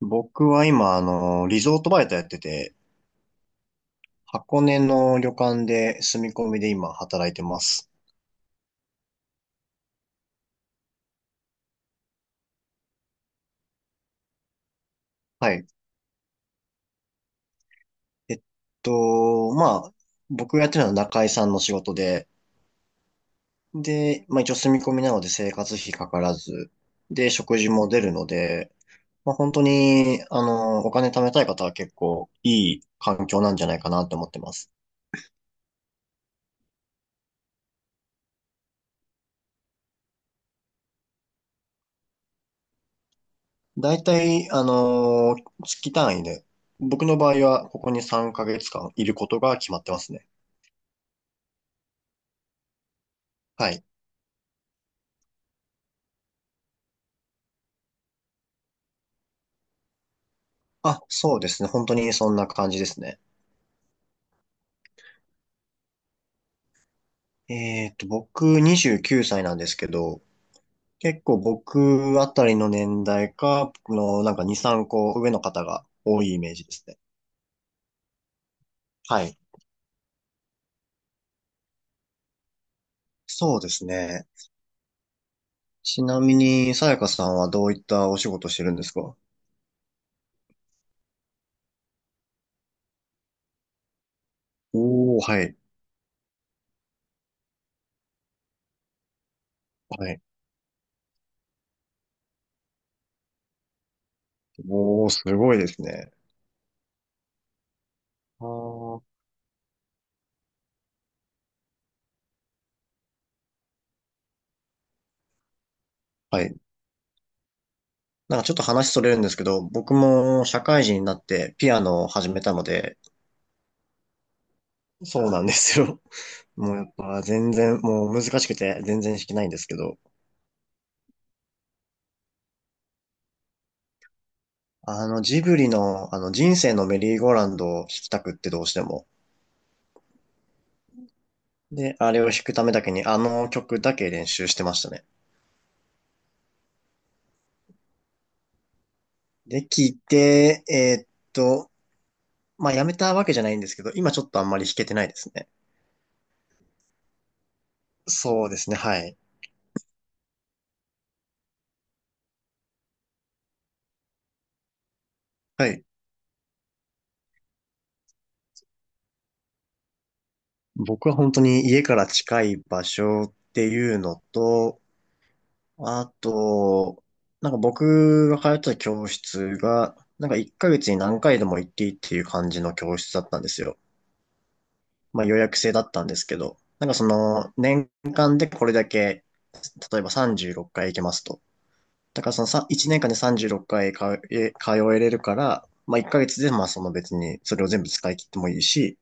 僕は今、リゾートバイトやってて、箱根の旅館で住み込みで今働いてます。はい。えっまあ、僕がやってるのは中居さんの仕事で、で、まあ一応住み込みなので生活費かからず、で、食事も出るので、まあ本当に、お金貯めたい方は結構いい環境なんじゃないかなと思ってます。だいたい、月単位で、僕の場合はここに3ヶ月間いることが決まってますね。はい。あ、そうですね。本当にそんな感じですね。僕29歳なんですけど、結構僕あたりの年代か、僕のなんか2、3個上の方が多いイメージですね。はい。そうですね。ちなみに、さやかさんはどういったお仕事してるんですか？おー、はい。はい。おー、すごいですね。あー、はい。なんかちょっと話それるんですけど、僕も社会人になってピアノを始めたので。そうなんですよ。もうやっぱ全然、もう難しくて全然弾けないんですけど、あのジブリのあの人生のメリーゴーランドを弾きたくってどうしても。で、あれを弾くためだけにあの曲だけ練習してましたね。で、聞いて、と、まあ、やめたわけじゃないんですけど、今ちょっとあんまり弾けてないですね。そうですね、はい。はい。僕は本当に家から近い場所っていうのと、あと、なんか僕が通ってた教室が、なんか1ヶ月に何回でも行っていいっていう感じの教室だったんですよ。まあ予約制だったんですけど、なんかその年間でこれだけ、例えば36回行けますと。だからそのさ1年間で36回かいかえ通えれるから、まあ1ヶ月でまあその別にそれを全部使い切ってもいいし、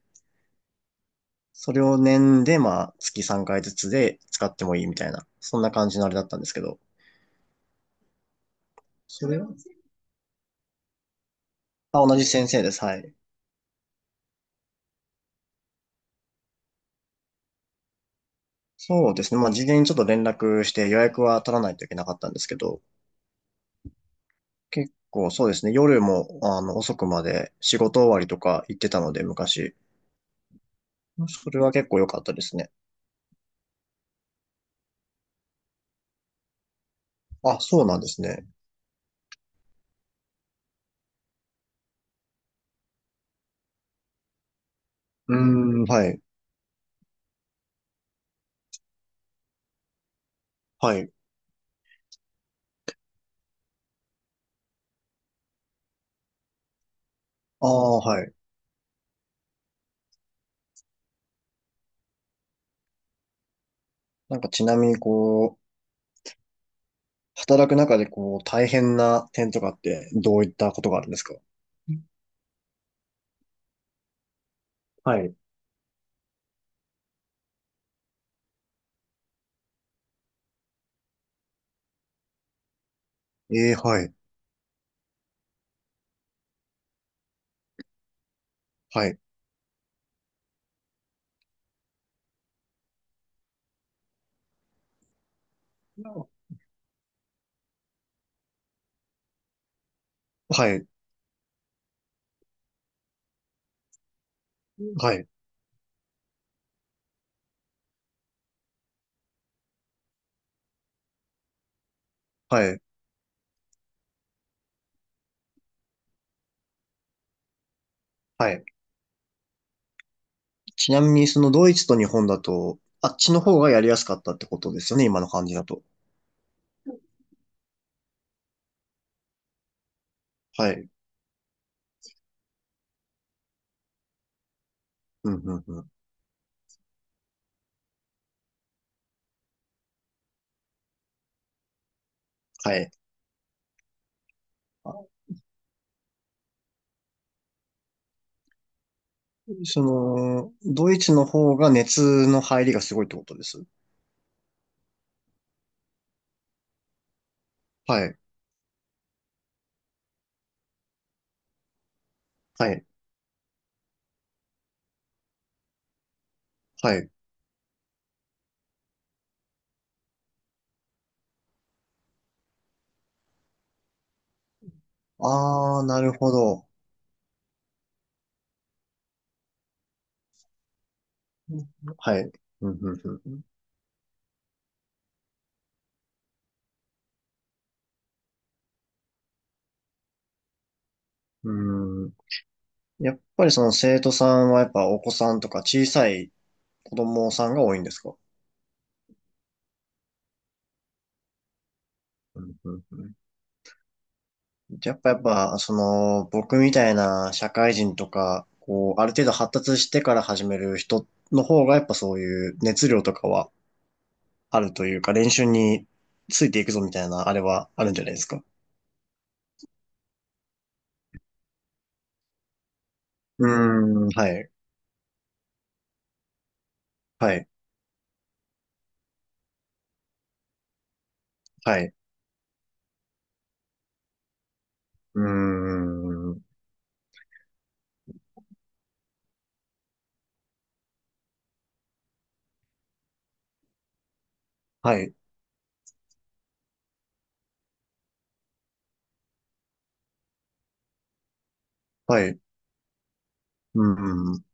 それを年でまあ月3回ずつで使ってもいいみたいな、そんな感じのあれだったんですけど。それは、あ、同じ先生です。はい。そうですね。まあ、事前にちょっと連絡して予約は取らないといけなかったんですけど、結構そうですね。夜も、遅くまで仕事終わりとか行ってたので、昔。それは結構良かったですね。あ、そうなんですね。うーん、はい。はい。ああ、はい。なんかちなみに、こう、働く中で、こう、大変な点とかって、どういったことがあるんですか？はい。ええ、はい。はい。はい。はい。はい。はい。ちなみに、そのドイツと日本だと、あっちの方がやりやすかったってことですよね、今の感じだと。はい。うん、うん、うん。はい。あ、その、ドイツの方が熱の入りがすごいってことです。はい。はい。はい。ああ、なるほど。はい。うん、うん、うん。うーん。やっぱりその生徒さんはやっぱお子さんとか小さい子供さんが多いんですか？うん、うん、うん。やっぱやっぱ、その、僕みたいな社会人とか、こう、ある程度発達してから始める人の方が、やっぱそういう熱量とかはあるというか、練習についていくぞみたいな、あれはあるんじゃないですか。うーん、はい、はい、はい、うーん、はい、はい、うん。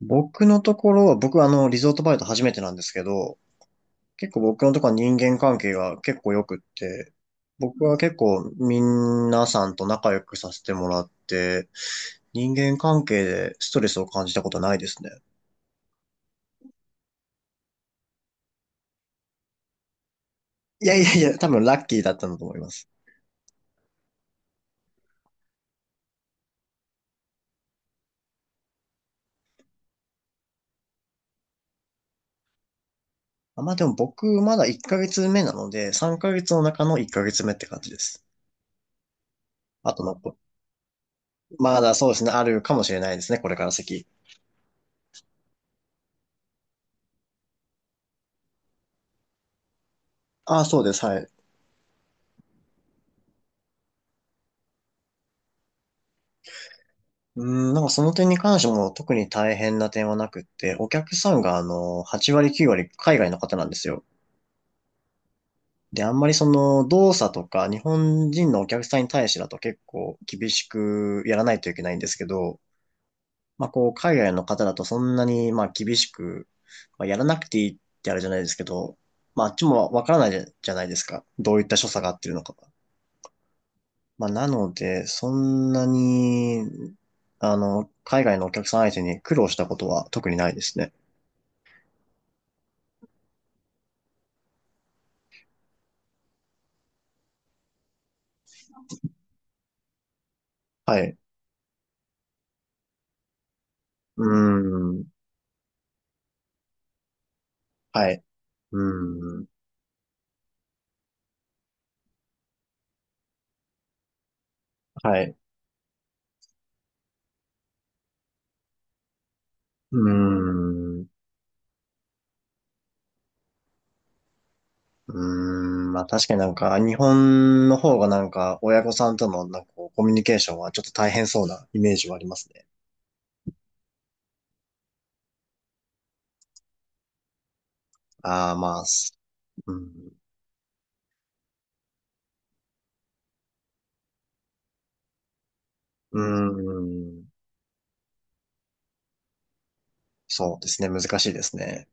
僕のところは、僕はあの、リゾートバイト初めてなんですけど、結構僕のとこは人間関係が結構良くって、僕は結構皆さんと仲良くさせてもらって、人間関係でストレスを感じたことないですね。いやいやいや、多分ラッキーだったんだと思います。あ、まあでも僕まだ1ヶ月目なので、3ヶ月の中の1ヶ月目って感じです。あと残りまだそうですね、あるかもしれないですね、これから先。ああ、そうです、はい。うん、なんかその点に関しても特に大変な点はなくって、お客さんがあの、8割9割海外の方なんですよ。で、あんまりその動作とか日本人のお客さんに対してだと結構厳しくやらないといけないんですけど、まあこう海外の方だとそんなにまあ厳しく、まあ、やらなくていいってあれじゃないですけど、まああっちもわからないじゃないですか。どういった所作が合ってるのかが。まあなので、そんなに、海外のお客さん相手に苦労したことは特にないですね。はい。うーん。はい。うーん。はい。うーん。うーん、まあ確かになんか、日本の方がなんか、親御さんとのなんかこう、コミュニケーションはちょっと大変そうなイメージはありますね。ああ、まあ、す、うん、うーん、そうですね、難しいですね。